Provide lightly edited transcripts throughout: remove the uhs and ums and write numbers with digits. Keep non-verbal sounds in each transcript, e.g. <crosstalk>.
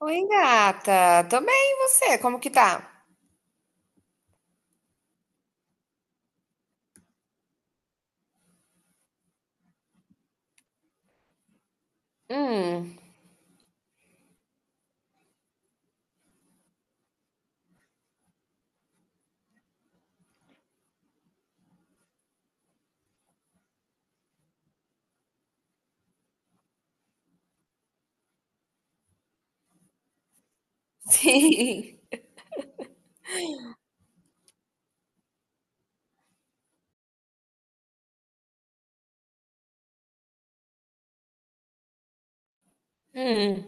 Oi, gata. Tô bem, e você? Como que tá? Hum, <laughs> sim. Hum.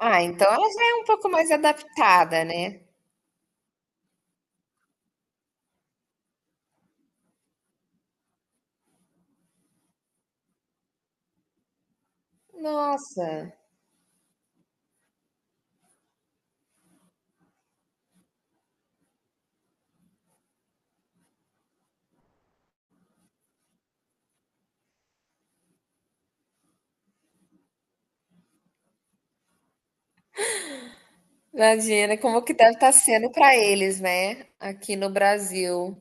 Ah, então ela já é um pouco mais adaptada, né? Nossa, imagina como que deve estar sendo pra eles, né? Aqui no Brasil.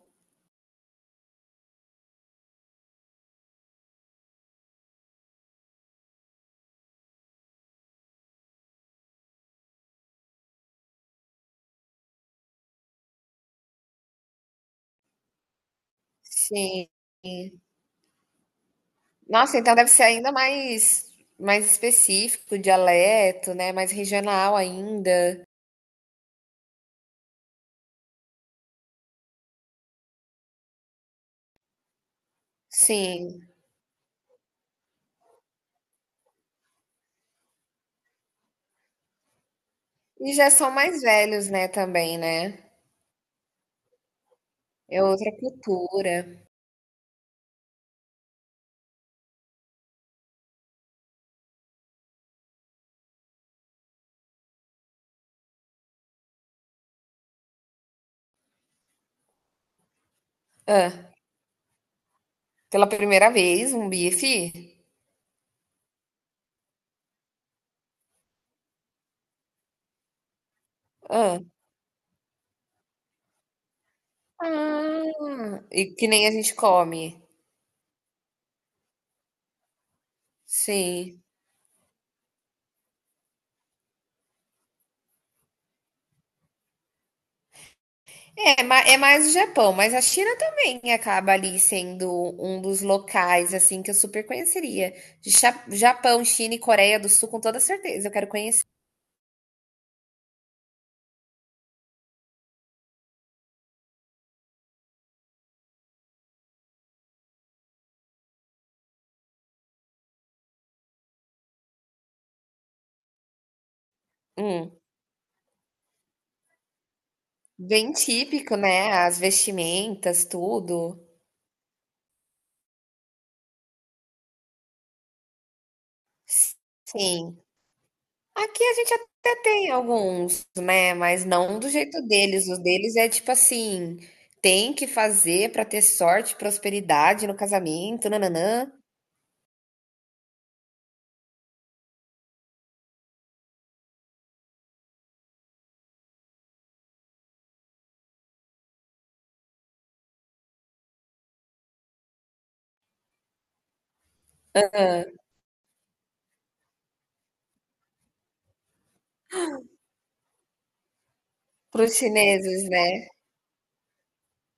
Sim. Nossa, então deve ser ainda mais, mais específico, dialeto, né? Mais regional ainda. Sim. E já são mais velhos, né, também, né? É outra cultura. Ah. Pela primeira vez, um bife? Hã. Ah, e que nem a gente come. Sim. É, ma é mais o Japão, mas a China também acaba ali sendo um dos locais, assim, que eu super conheceria. De cha Japão, China e Coreia do Sul, com toda certeza, eu quero conhecer. Hum. Bem típico, né, as vestimentas, tudo. Sim. Aqui a gente até tem alguns, né? Mas não do jeito deles. Os deles é tipo assim, tem que fazer para ter sorte, prosperidade no casamento, nananã, para os chineses, né?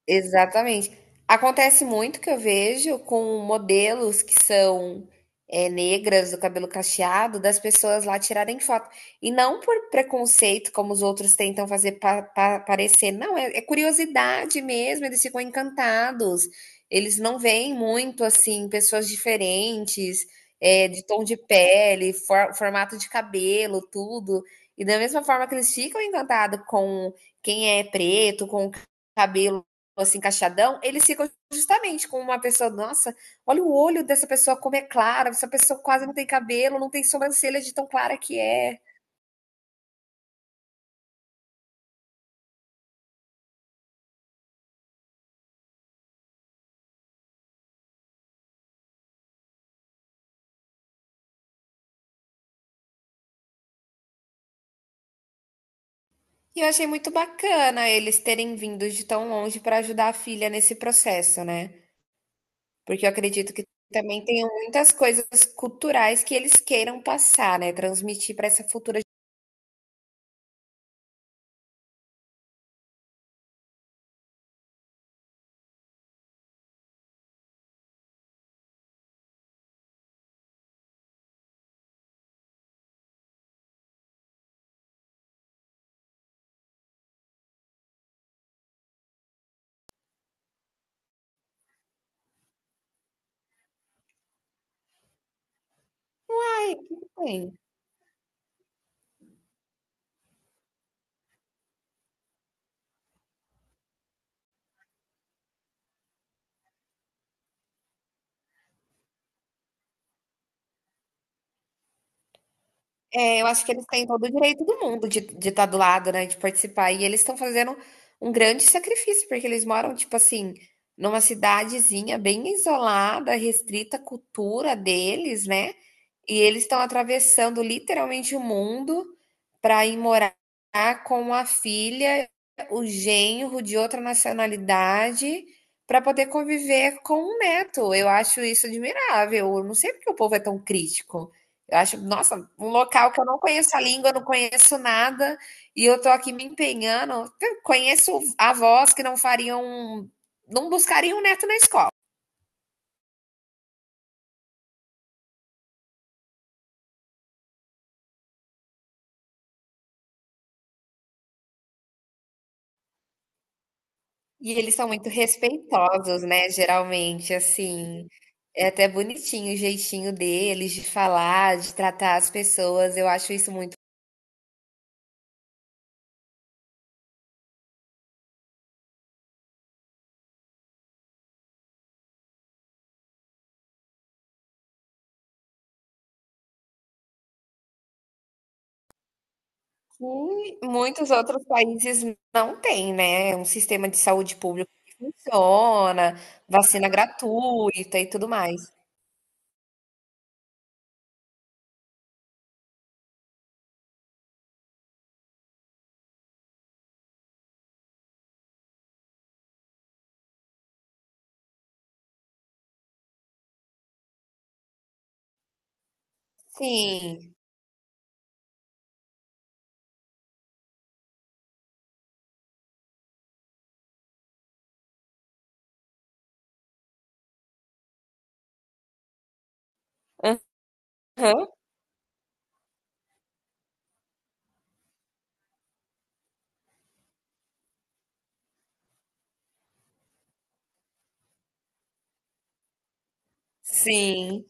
Exatamente. Acontece muito que eu vejo com modelos que são negras, do cabelo cacheado, das pessoas lá tirarem foto. E não por preconceito, como os outros tentam fazer parecer. Não, é, é curiosidade mesmo, eles ficam encantados. Eles não veem muito, assim, pessoas diferentes, é, de tom de pele, formato de cabelo, tudo. E da mesma forma que eles ficam encantados com quem é preto, com o cabelo assim, encaixadão, eles ficam justamente com uma pessoa, nossa, olha o olho dessa pessoa como é clara, essa pessoa quase não tem cabelo, não tem sobrancelha de tão clara que é. E eu achei muito bacana eles terem vindo de tão longe para ajudar a filha nesse processo, né? Porque eu acredito que também tenham muitas coisas culturais que eles queiram passar, né? Transmitir para essa futura. Ai, tudo bem. É, eu acho que eles têm todo o direito do mundo de estar do lado, né, de participar. E eles estão fazendo um grande sacrifício, porque eles moram, tipo assim, numa cidadezinha bem isolada, restrita à cultura deles, né? E eles estão atravessando literalmente o mundo para ir morar com a filha, o genro de outra nacionalidade, para poder conviver com o neto. Eu acho isso admirável. Eu não sei porque o povo é tão crítico. Eu acho, nossa, um local que eu não conheço a língua, não conheço nada, e eu tô aqui me empenhando. Eu conheço avós que não fariam, não buscariam um neto na escola. E eles são muito respeitosos, né? Geralmente, assim, é até bonitinho o jeitinho deles de falar, de tratar as pessoas. Eu acho isso muito. E muitos outros países não têm, né? Um sistema de saúde pública que funciona, vacina gratuita e tudo mais. Sim. Aham. Sim.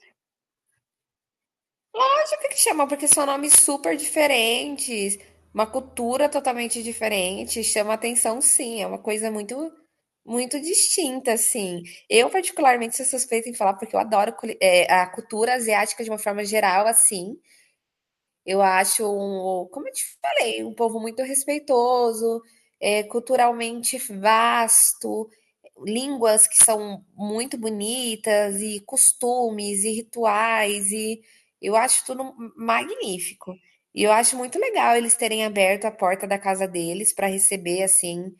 Acho que chama, porque são nomes super diferentes, uma cultura totalmente diferente, chama atenção, sim, é uma coisa muito muito distinta, assim. Eu particularmente sou suspeita em falar porque eu adoro a cultura asiática de uma forma geral, assim. Eu acho um, como eu te falei, um povo muito respeitoso, é culturalmente vasto, línguas que são muito bonitas, e costumes, e rituais, e eu acho tudo magnífico. E eu acho muito legal eles terem aberto a porta da casa deles para receber assim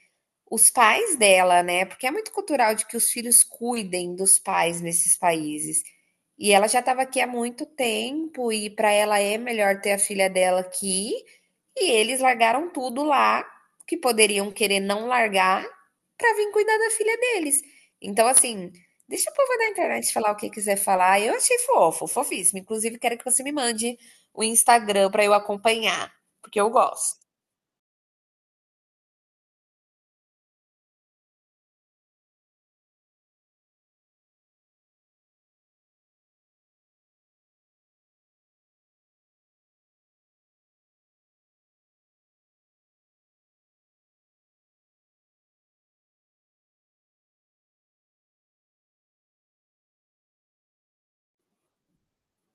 os pais dela, né, porque é muito cultural de que os filhos cuidem dos pais nesses países. E ela já estava aqui há muito tempo e para ela é melhor ter a filha dela aqui. E eles largaram tudo lá, que poderiam querer não largar, para vir cuidar da filha deles. Então, assim, deixa o povo da internet falar o que quiser falar. Eu achei fofo, fofíssimo. Inclusive, quero que você me mande o Instagram para eu acompanhar, porque eu gosto.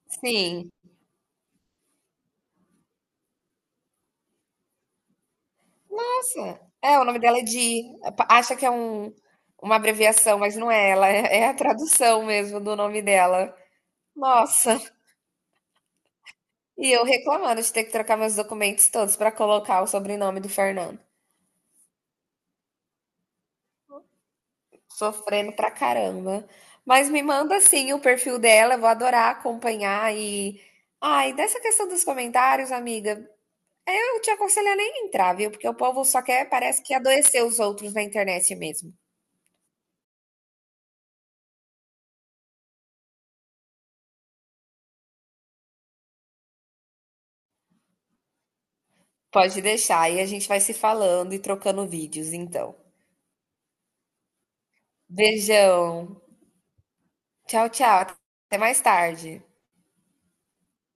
Sim. Nossa, é, o nome dela é Di. Acha que é um, uma abreviação, mas não é ela, é, é a tradução mesmo do nome dela. Nossa, e eu reclamando de ter que trocar meus documentos todos para colocar o sobrenome do Fernando. Sofrendo pra caramba. Mas me manda sim o perfil dela, eu vou adorar acompanhar e. Ai, dessa questão dos comentários, amiga, eu te aconselho a nem entrar, viu? Porque o povo só quer, parece que adoecer os outros na internet mesmo. Pode deixar. E a gente vai se falando e trocando vídeos, então. Beijão. Tchau, tchau. Até mais tarde.